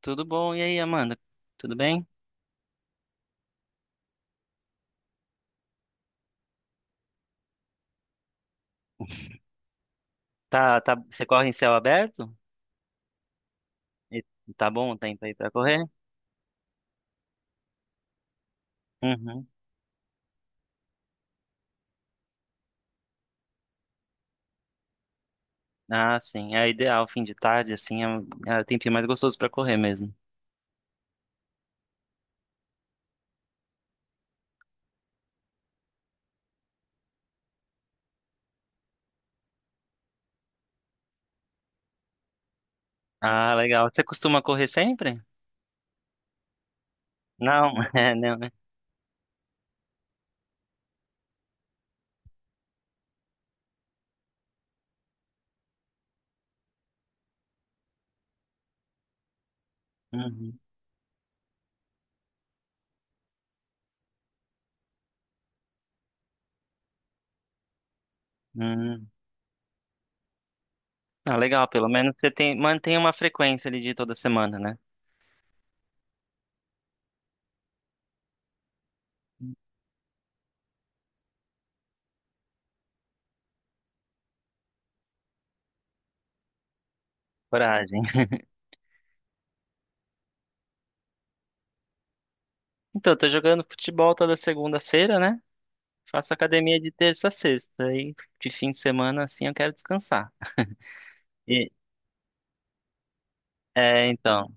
Tudo bom? E aí, Amanda? Tudo bem? Tá, tá, você corre em céu aberto? E tá bom o tempo aí pra correr? Uhum. Ah, sim. É ideal, fim de tarde, assim, é o tempinho mais gostoso pra correr mesmo. Ah, legal. Você costuma correr sempre? Não, é, não, né? Uhum. Uhum. Ah, legal, pelo menos você mantém uma frequência ali de toda semana, né? Coragem. Então, eu tô jogando futebol toda segunda-feira, né? Faço academia de terça a sexta. E de fim de semana, assim, eu quero descansar. E, então.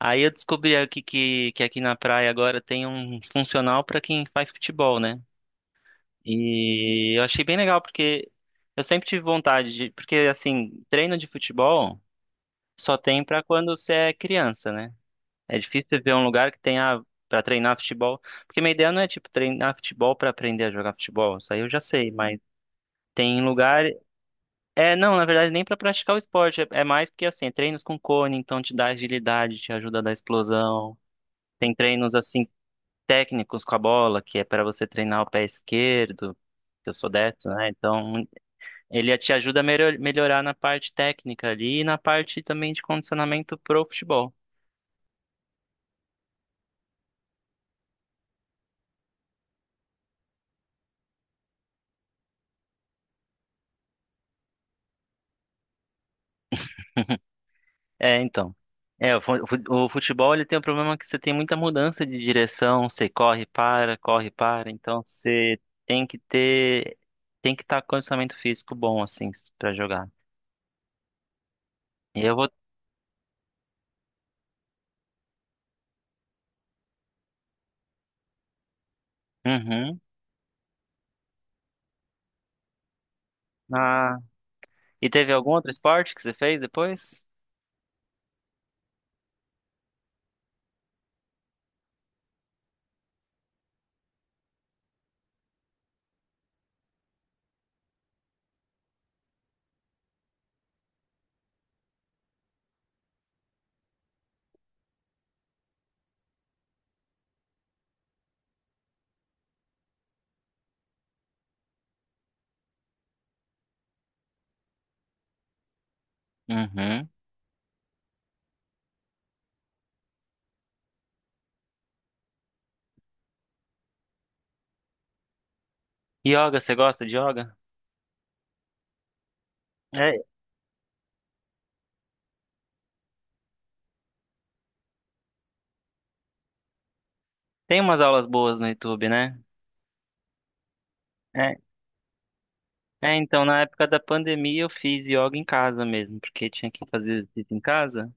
Aí eu descobri aqui que aqui na praia agora tem um funcional para quem faz futebol, né? E eu achei bem legal porque eu sempre tive vontade de, porque assim, treino de futebol só tem para quando você é criança, né? É difícil você ver um lugar que tenha para treinar futebol, porque minha ideia não é tipo treinar futebol para aprender a jogar futebol, isso aí eu já sei, mas tem lugar, é, não, na verdade nem para praticar o esporte, é mais porque assim, treinos com cone, então te dá agilidade, te ajuda a dar explosão. Tem treinos assim técnicos com a bola, que é para você treinar o pé esquerdo, que eu sou destro, né? Então, ele te ajuda a melhorar na parte técnica ali e na parte também de condicionamento pro futebol. É, então. É, o futebol ele tem o problema que você tem muita mudança de direção, você corre, para, corre, para, então você tem que estar com condicionamento físico bom, assim, pra jogar. E eu vou. Uhum. Ah, e teve algum outro esporte que você fez depois? Uhum. Yoga, você gosta de yoga? É, tem umas aulas boas no YouTube, né? É, é, então, na época da pandemia eu fiz yoga em casa mesmo, porque tinha que fazer exercício em casa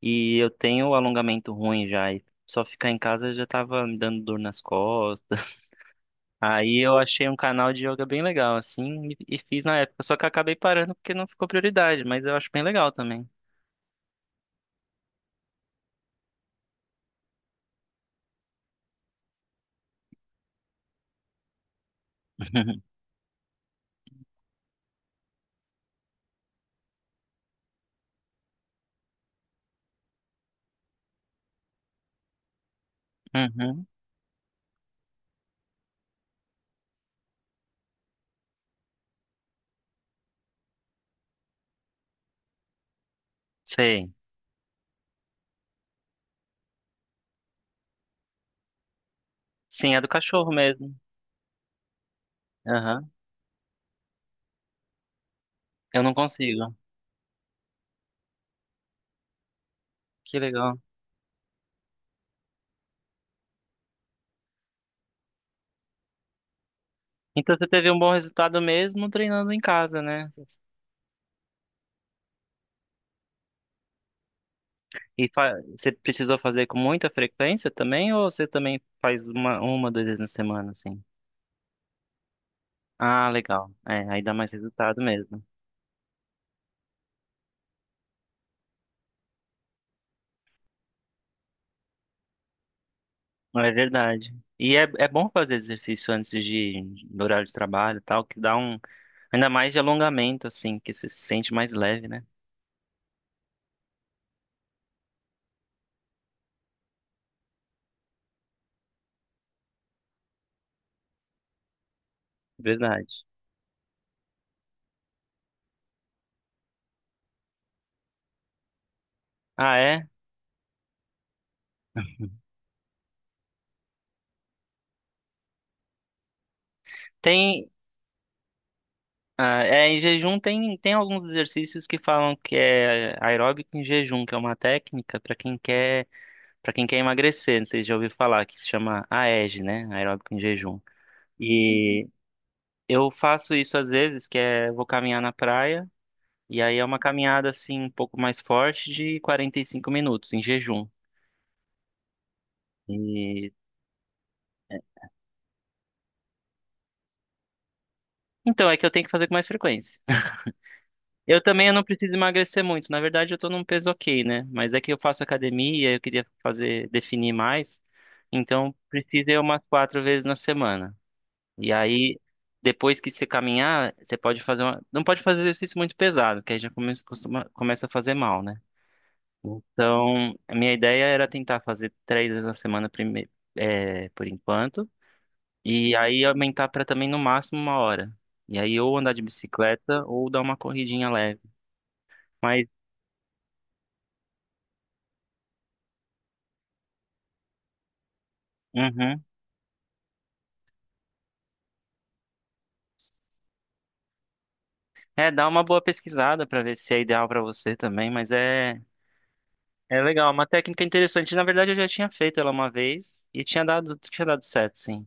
e eu tenho alongamento ruim já, e só ficar em casa já tava me dando dor nas costas. Aí eu achei um canal de yoga bem legal, assim, e fiz na época, só que eu acabei parando porque não ficou prioridade, mas eu acho bem legal também. Uhum, sei. Sim, é do cachorro mesmo. Aham. Eu não consigo. Que legal. Então você teve um bom resultado mesmo treinando em casa, né? Você precisou fazer com muita frequência também, ou você também faz uma, duas vezes na semana, assim? Ah, legal. É, aí dá mais resultado mesmo. É verdade. E é bom fazer exercício antes de ir horário de trabalho e tal, que dá um, ainda mais de alongamento, assim, que você se sente mais leve, né? Verdade. Ah, é? Tem, Em jejum tem alguns exercícios que falam que é aeróbico em jejum, que é uma técnica para quem quer Pra quem quer emagrecer, não sei se já ouviu falar, que se chama AEG, né? Aeróbico em jejum. E eu faço isso às vezes, que é vou caminhar na praia, e aí é uma caminhada assim um pouco mais forte de 45 minutos em jejum. E é, então é que eu tenho que fazer com mais frequência. Eu também, eu não preciso emagrecer muito, na verdade eu tô num peso ok, né? Mas é que eu faço academia, eu queria fazer definir mais, então precisa ir umas quatro vezes na semana. E aí, depois que você caminhar, você pode fazer Não pode fazer exercício muito pesado, que aí já começa a fazer mal, né? Então, a minha ideia era tentar fazer três vezes na semana por enquanto, e aí aumentar para também no máximo uma hora. E aí, ou andar de bicicleta, ou dar uma corridinha leve. Mas, uhum. É, dá uma boa pesquisada para ver se é ideal para você também, mas é. É legal, é uma técnica interessante. Na verdade, eu já tinha feito ela uma vez e tinha dado certo, sim.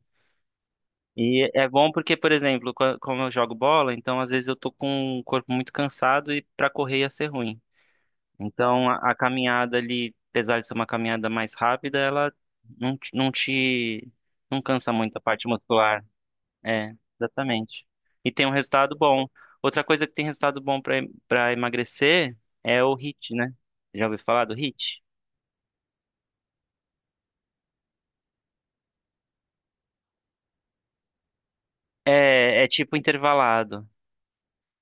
E é bom porque, por exemplo, como eu jogo bola, então às vezes eu tô com o corpo muito cansado e para correr ia ser ruim. Então a caminhada ali, apesar de ser uma caminhada mais rápida, ela não, te- não te, não cansa muito a parte muscular. É, exatamente. E tem um resultado bom. Outra coisa que tem resultado bom para emagrecer é o HIIT, né? Já ouviu falar do HIIT? É tipo intervalado.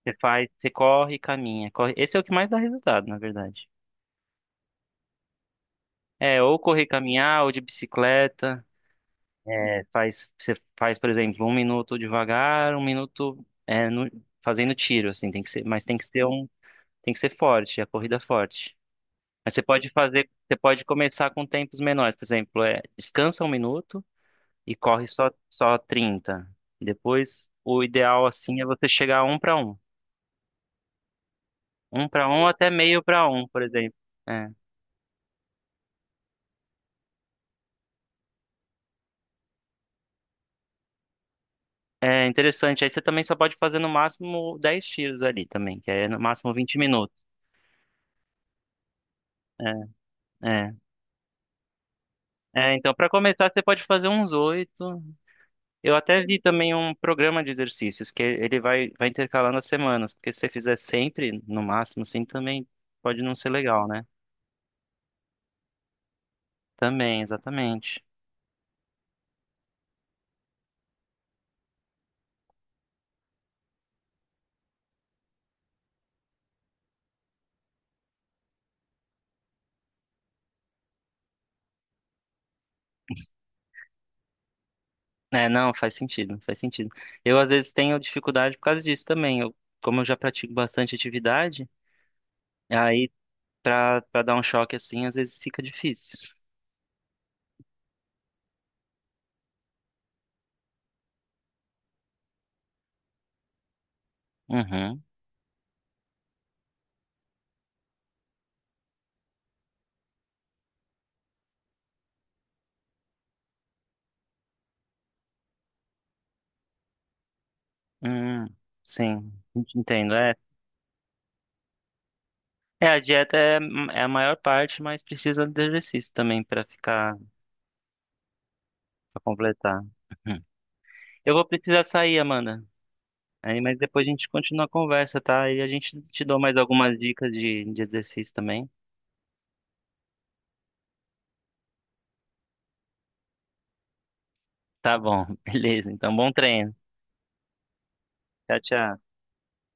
Você corre e caminha. Corre. Esse é o que mais dá resultado, na verdade. É, ou correr, caminhar, ou de bicicleta. É, você faz, por exemplo, um minuto devagar, um minuto fazendo tiro, assim, mas tem que ser um, tem que ser forte, a corrida forte. Mas você pode começar com tempos menores, por exemplo, descansa um minuto e corre só 30. Depois, o ideal assim é você chegar a um para um até meio para um, por exemplo. É. É interessante. Aí você também só pode fazer no máximo 10 tiros ali também, que aí é no máximo 20 minutos. É, é. É, então, para começar, você pode fazer uns oito. Eu até vi também um programa de exercícios, que ele vai intercalando as semanas, porque se você fizer sempre, no máximo, assim, também pode não ser legal, né? Também, exatamente. É, não, faz sentido, faz sentido. Eu, às vezes, tenho dificuldade por causa disso também. Eu, como eu já pratico bastante atividade, aí, para dar um choque assim, às vezes fica difícil. Uhum. Hum, sim, entendo. É, a dieta é a maior parte, mas precisa de exercício também pra ficar, para completar. Uhum. Eu vou precisar sair, Amanda. Aí, mas depois a gente continua a conversa, tá? E a gente te dou mais algumas dicas de exercício também. Tá bom, beleza. Então, bom treino. Tchau, tchau.